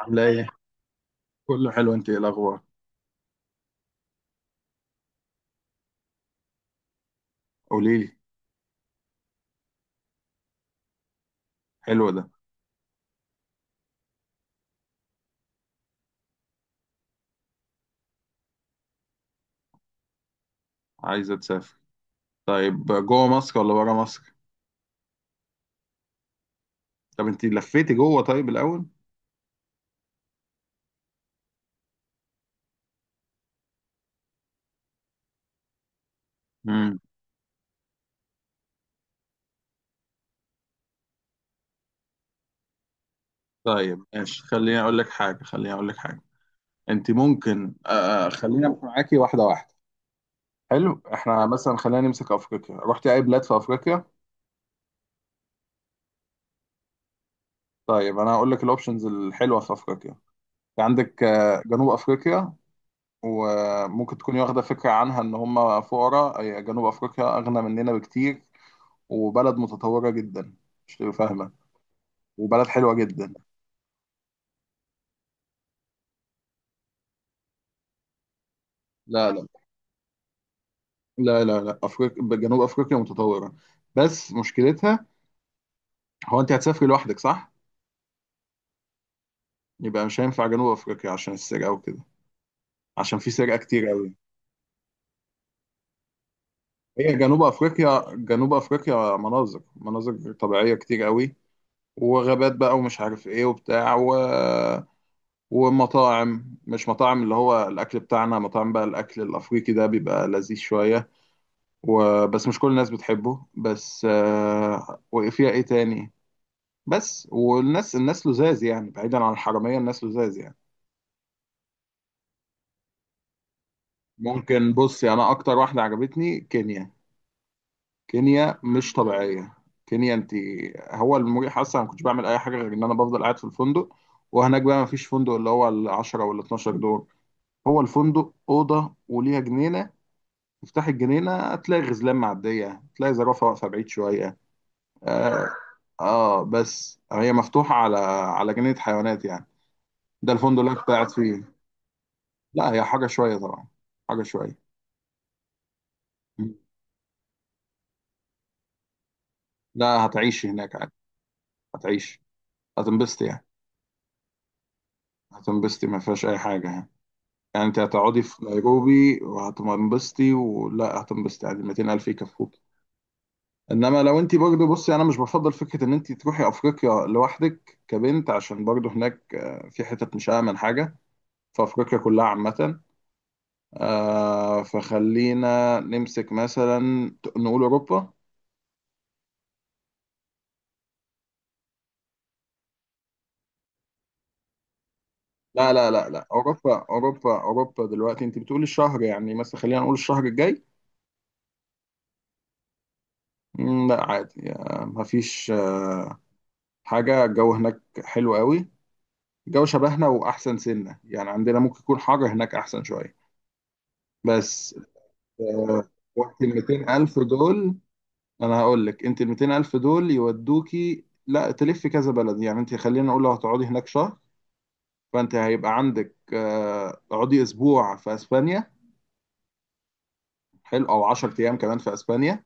عاملة ايه؟ كله حلو، انت ايه الأخبار؟ قوليلي. حلو ده. عايزة تسافر؟ طيب جوه مصر ولا بره مصر؟ طب انت لفيتي جوه طيب الأول؟ امم. طيب ماشي، خليني أقول لك حاجة، خليني أقول لك حاجة. انت ممكن خلينا معاكي واحدة واحدة. حلو، احنا مثلا خلينا نمسك أفريقيا. رحتي أي بلاد في أفريقيا؟ طيب أنا هقول لك الأوبشنز الحلوة في أفريقيا. في عندك جنوب أفريقيا. وممكن تكوني واخدة فكرة عنها إن هم فقراء، جنوب أفريقيا أغنى مننا بكتير، وبلد متطورة جدا، مش تبقى فاهمة، وبلد حلوة جدا. لا لا لا لا لا، أفريقيا، جنوب أفريقيا متطورة. بس مشكلتها، هو أنت هتسافري لوحدك صح؟ يبقى مش هينفع جنوب أفريقيا عشان السرقة وكده، عشان في سرقة كتير أوي. هي جنوب أفريقيا، مناظر طبيعية كتير أوي، وغابات بقى، ومش عارف إيه وبتاع ومطاعم مش مطاعم اللي هو الأكل بتاعنا، مطاعم بقى الأكل الأفريقي، ده بيبقى لذيذ شوية، وبس مش كل الناس بتحبه، بس آه. وفيها ايه تاني؟ بس والناس، الناس لزاز يعني، بعيدا عن الحرامية الناس لزاز يعني. ممكن بصي، انا اكتر واحدة عجبتني كينيا. كينيا مش طبيعية. كينيا انت، هو المريح اصلا، ما كنتش بعمل اي حاجة غير ان انا بفضل قاعد في الفندق. وهناك بقى ما فيش فندق اللي هو العشرة ولا 12 دور، هو الفندق أوضة وليها جنينة، تفتح الجنينة تلاقي غزلان معدية، تلاقي زرافة واقفة بعيد شوية. اه، بس هي مفتوحة على، على جنينة حيوانات يعني. ده الفندق اللي أنا كنت قاعد فيه. لا هي حاجة شوية طبعا، حاجة شوية. مم. لا هتعيشي هناك عادي، هتعيشي، هتنبسطي يعني. هتنبسطي ما فيهاش أي حاجة يعني. يعني أنت هتقعدي في نيروبي وهتنبسطي، ولا هتنبسطي عادي، 200,000 يكفوك. إنما لو أنت برضه، بصي أنا مش بفضل فكرة إن أنت تروحي أفريقيا لوحدك كبنت، عشان برضه هناك، في حتت مش آمن حاجة في أفريقيا كلها عامة. آه، فخلينا نمسك مثلا، نقول أوروبا. لا، أوروبا، أوروبا دلوقتي، أنت بتقولي الشهر يعني، مثلا خلينا نقول الشهر الجاي. لا عادي، مفيش، حاجة، الجو هناك حلو قوي. الجو شبهنا، وأحسن سنة يعني عندنا ممكن يكون حر، هناك أحسن شوية. بس آه، وقت ال 200 ألف دول، أنا هقول لك، أنت ال 200 ألف دول يودوكي لا تلفي كذا بلد، يعني أنت خلينا نقول لو هتقعدي هناك شهر، فانت هيبقى عندك، اقعدي اسبوع في اسبانيا، حلو، او 10 ايام كمان في اسبانيا.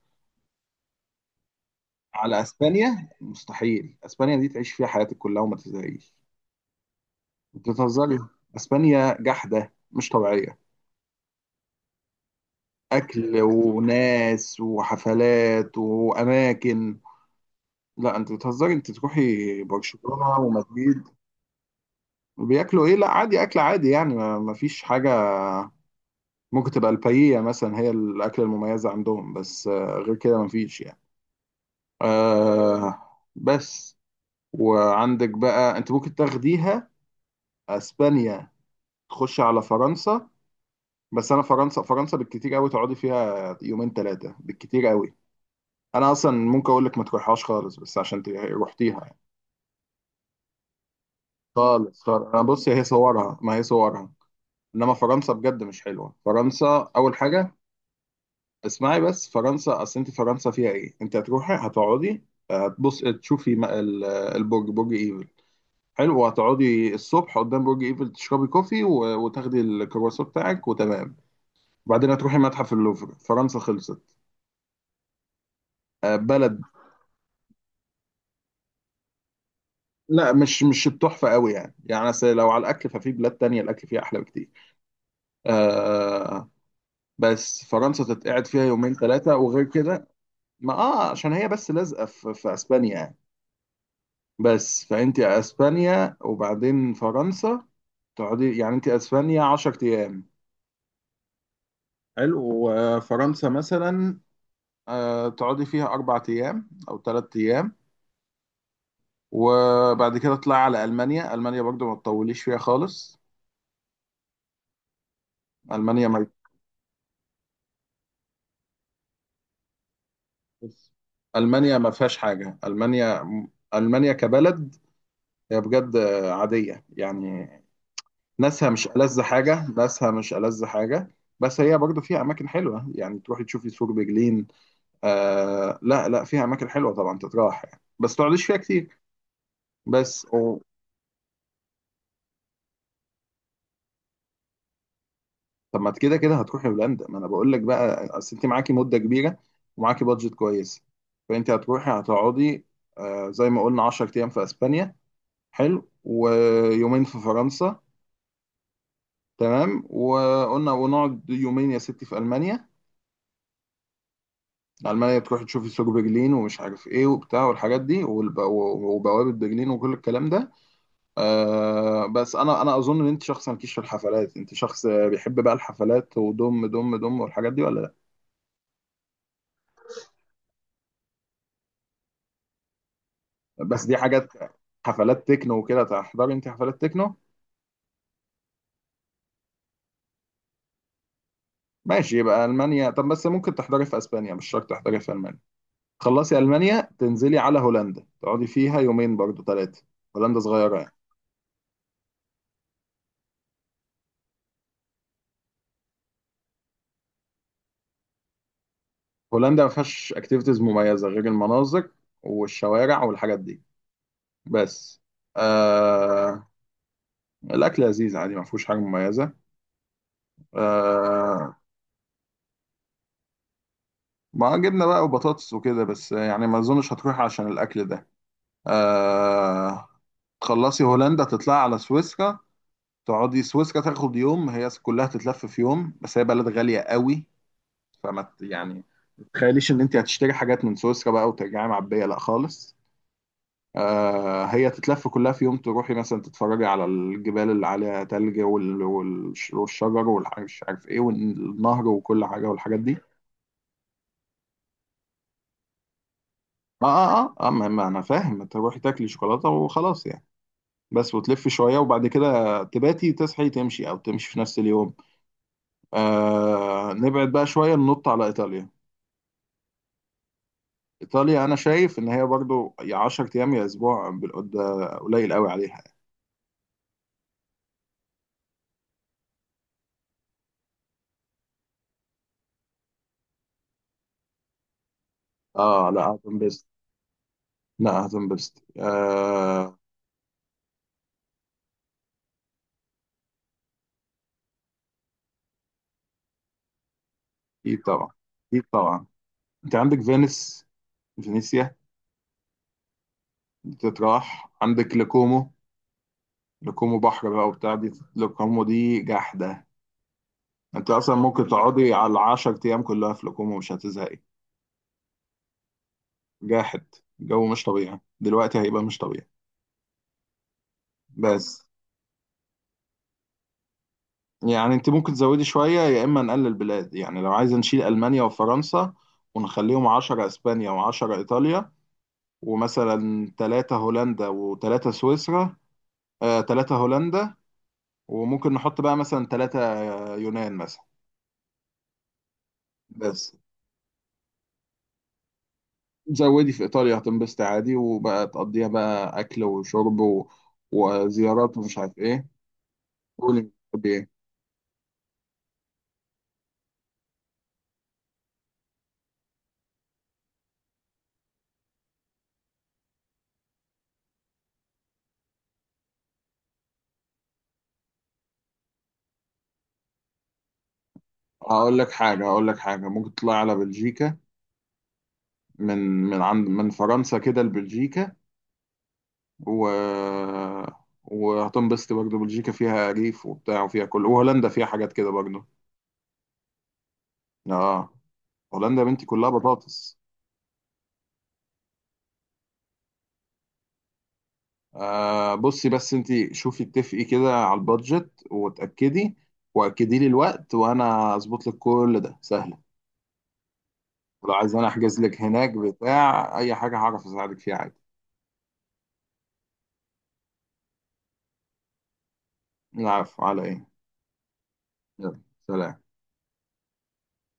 على اسبانيا؟ مستحيل، اسبانيا دي تعيش فيها حياتك كلها وما تزهقيش. بتهزري؟ اسبانيا جحده مش طبيعيه، اكل وناس وحفلات واماكن. لا انت بتهزري، انت تروحي برشلونه ومدريد. بياكلوا ايه؟ لا عادي اكل عادي يعني، ما فيش حاجه، ممكن تبقى البايية مثلا هي الاكله المميزه عندهم، بس غير كده ما فيش يعني. آه بس، وعندك بقى انت ممكن تاخديها، اسبانيا تخش على فرنسا. بس انا فرنسا، بالكتير قوي تقعدي فيها يومين ثلاثه بالكتير قوي، انا اصلا ممكن اقول لك ما تروحهاش خالص، بس عشان رحتيها يعني. خالص خالص، انا بص، هي صورها، ما هي صورها، انما فرنسا بجد مش حلوه. فرنسا اول حاجه، اسمعي بس، فرنسا اصل انت، فرنسا فيها ايه، انت هتروحي هتقعدي، هتبص تشوفي البرج، برج ايفل، حلو، وهتقعدي الصبح قدام برج ايفل تشربي كوفي وتاخدي الكرواسون بتاعك وتمام، وبعدين هتروحي متحف اللوفر. فرنسا خلصت. بلد، لا مش التحفة قوي يعني، يعني أصل لو على الأكل ففي بلاد تانية الأكل فيها أحلى بكتير. آه. بس فرنسا تتقعد فيها يومين ثلاثة، وغير كده، ما اه عشان هي بس لازقة في أسبانيا يعني، بس فأنت أسبانيا وبعدين فرنسا، تقعدي يعني أنت أسبانيا 10 أيام، حلو، وفرنسا مثلا، تقعدي فيها أربع أيام أو ثلاث أيام، وبعد كده تطلعي على ألمانيا. ألمانيا برضو ما تطوليش فيها خالص. ألمانيا ما ألمانيا ما فيهاش حاجة. ألمانيا، ألمانيا كبلد هي بجد عادية يعني، ناسها مش ألذ حاجة، بس هي برضو فيها أماكن حلوة، يعني تروحي تشوفي سور برلين. آه لا لا، فيها أماكن حلوة طبعا تتراح يعني، بس تقعديش فيها كتير. بس، طب ما أنت كده كده هتروحي هولندا، ما انا بقول لك بقى، اصل انت معاكي مده كبيره ومعاكي بادجت كويس، فانت هتروحي هتقعدي، زي ما قلنا 10 ايام في اسبانيا، حلو، ويومين في فرنسا، تمام، وقلنا ونقعد يومين يا ستي في المانيا. المانيا تروحي تشوفي سوق برلين، ومش عارف ايه وبتاع والحاجات دي، وبوابه برلين وكل الكلام ده. آه بس، انا اظن ان انت شخص مالكيش في الحفلات، انت شخص بيحب بقى الحفلات ودم دم دم والحاجات دي، ولا؟ بس دي حاجات، حفلات تكنو وكده، تحضري انت حفلات تكنو؟ ماشي، يبقى المانيا، طب بس ممكن تحضري في اسبانيا، مش شرط تحضري في المانيا. خلصي المانيا تنزلي على هولندا، تقعدي فيها يومين برضو ثلاثه. هولندا صغيره يعني. هولندا ما فيهاش اكتيفيتيز مميزه غير المناظر والشوارع والحاجات دي، بس آه... الاكل لذيذ عادي، ما فيهوش حاجه مميزه، آه... ما جبنه بقى وبطاطس وكده، بس يعني ما اظنش هتروح عشان الاكل ده. آه... تخلصي هولندا تطلعي على سويسرا. تقعدي سويسرا تاخد يوم، هي كلها تتلف في يوم، بس هي بلد غالية قوي، يعني ما تتخيليش ان انت هتشتري حاجات من سويسرا بقى وترجعي معبية، لا خالص. آه هي تتلف كلها في يوم، تروحي مثلا تتفرجي على الجبال اللي عليها تلج، والشجر والمش عارف ايه والنهر وكل حاجة والحاجات دي. اه اه اه, آه ما, ما انا فاهم، تروحي تاكلي شوكولاتة وخلاص يعني، بس وتلفي شوية، وبعد كده تباتي تصحي تمشي، او تمشي في نفس اليوم. آه نبعد بقى شوية، ننط على إيطاليا. إيطاليا أنا شايف إن هي برضو يا 10 أيام يا أسبوع، ده قليل قوي عليها. آه لا هتنبسط، لا هتنبسط آه. أكيد طبعا، أكيد طبعا. أنت عندك فينيس، فينيسيا دي تتراح، عندك لكومو، لكومو بحر بقى وبتاع، دي لكومو دي جحدة. أنت أصلا ممكن تقعدي على 10 أيام كلها في لكومو مش هتزهقي. جاحد، الجو مش طبيعي دلوقتي، هيبقى مش طبيعي. بس يعني انت ممكن تزودي شوية، يا اما نقلل بلاد، يعني لو عايزة نشيل المانيا وفرنسا ونخليهم 10 اسبانيا و10 ايطاليا، ومثلا 3 هولندا و3 سويسرا، آه 3 هولندا، وممكن نحط بقى مثلا 3 يونان مثلا. بس زودي في ايطاليا هتنبسطي عادي، وبقى تقضيها بقى اكل وشرب وزيارات ومش عارف ايه. قولي بتحبي ايه. هقول لك حاجة، هقول لك حاجة، ممكن تطلعي على بلجيكا، من من فرنسا كده لبلجيكا، و... وهتنبسط برضه، بلجيكا فيها ريف وبتاع وفيها كل، وهولندا فيها حاجات كده برضه. اه، هولندا يا بنتي كلها بطاطس. آه بصي بس انت، شوفي اتفقي كده على البادجت وتأكدي، واكدي لي الوقت وانا اظبط لك كل ده سهله. ولو عايز انا احجز لك هناك بتاع اي حاجه هعرف اساعدك فيها عادي. العفو على ايه، يلا، سلام.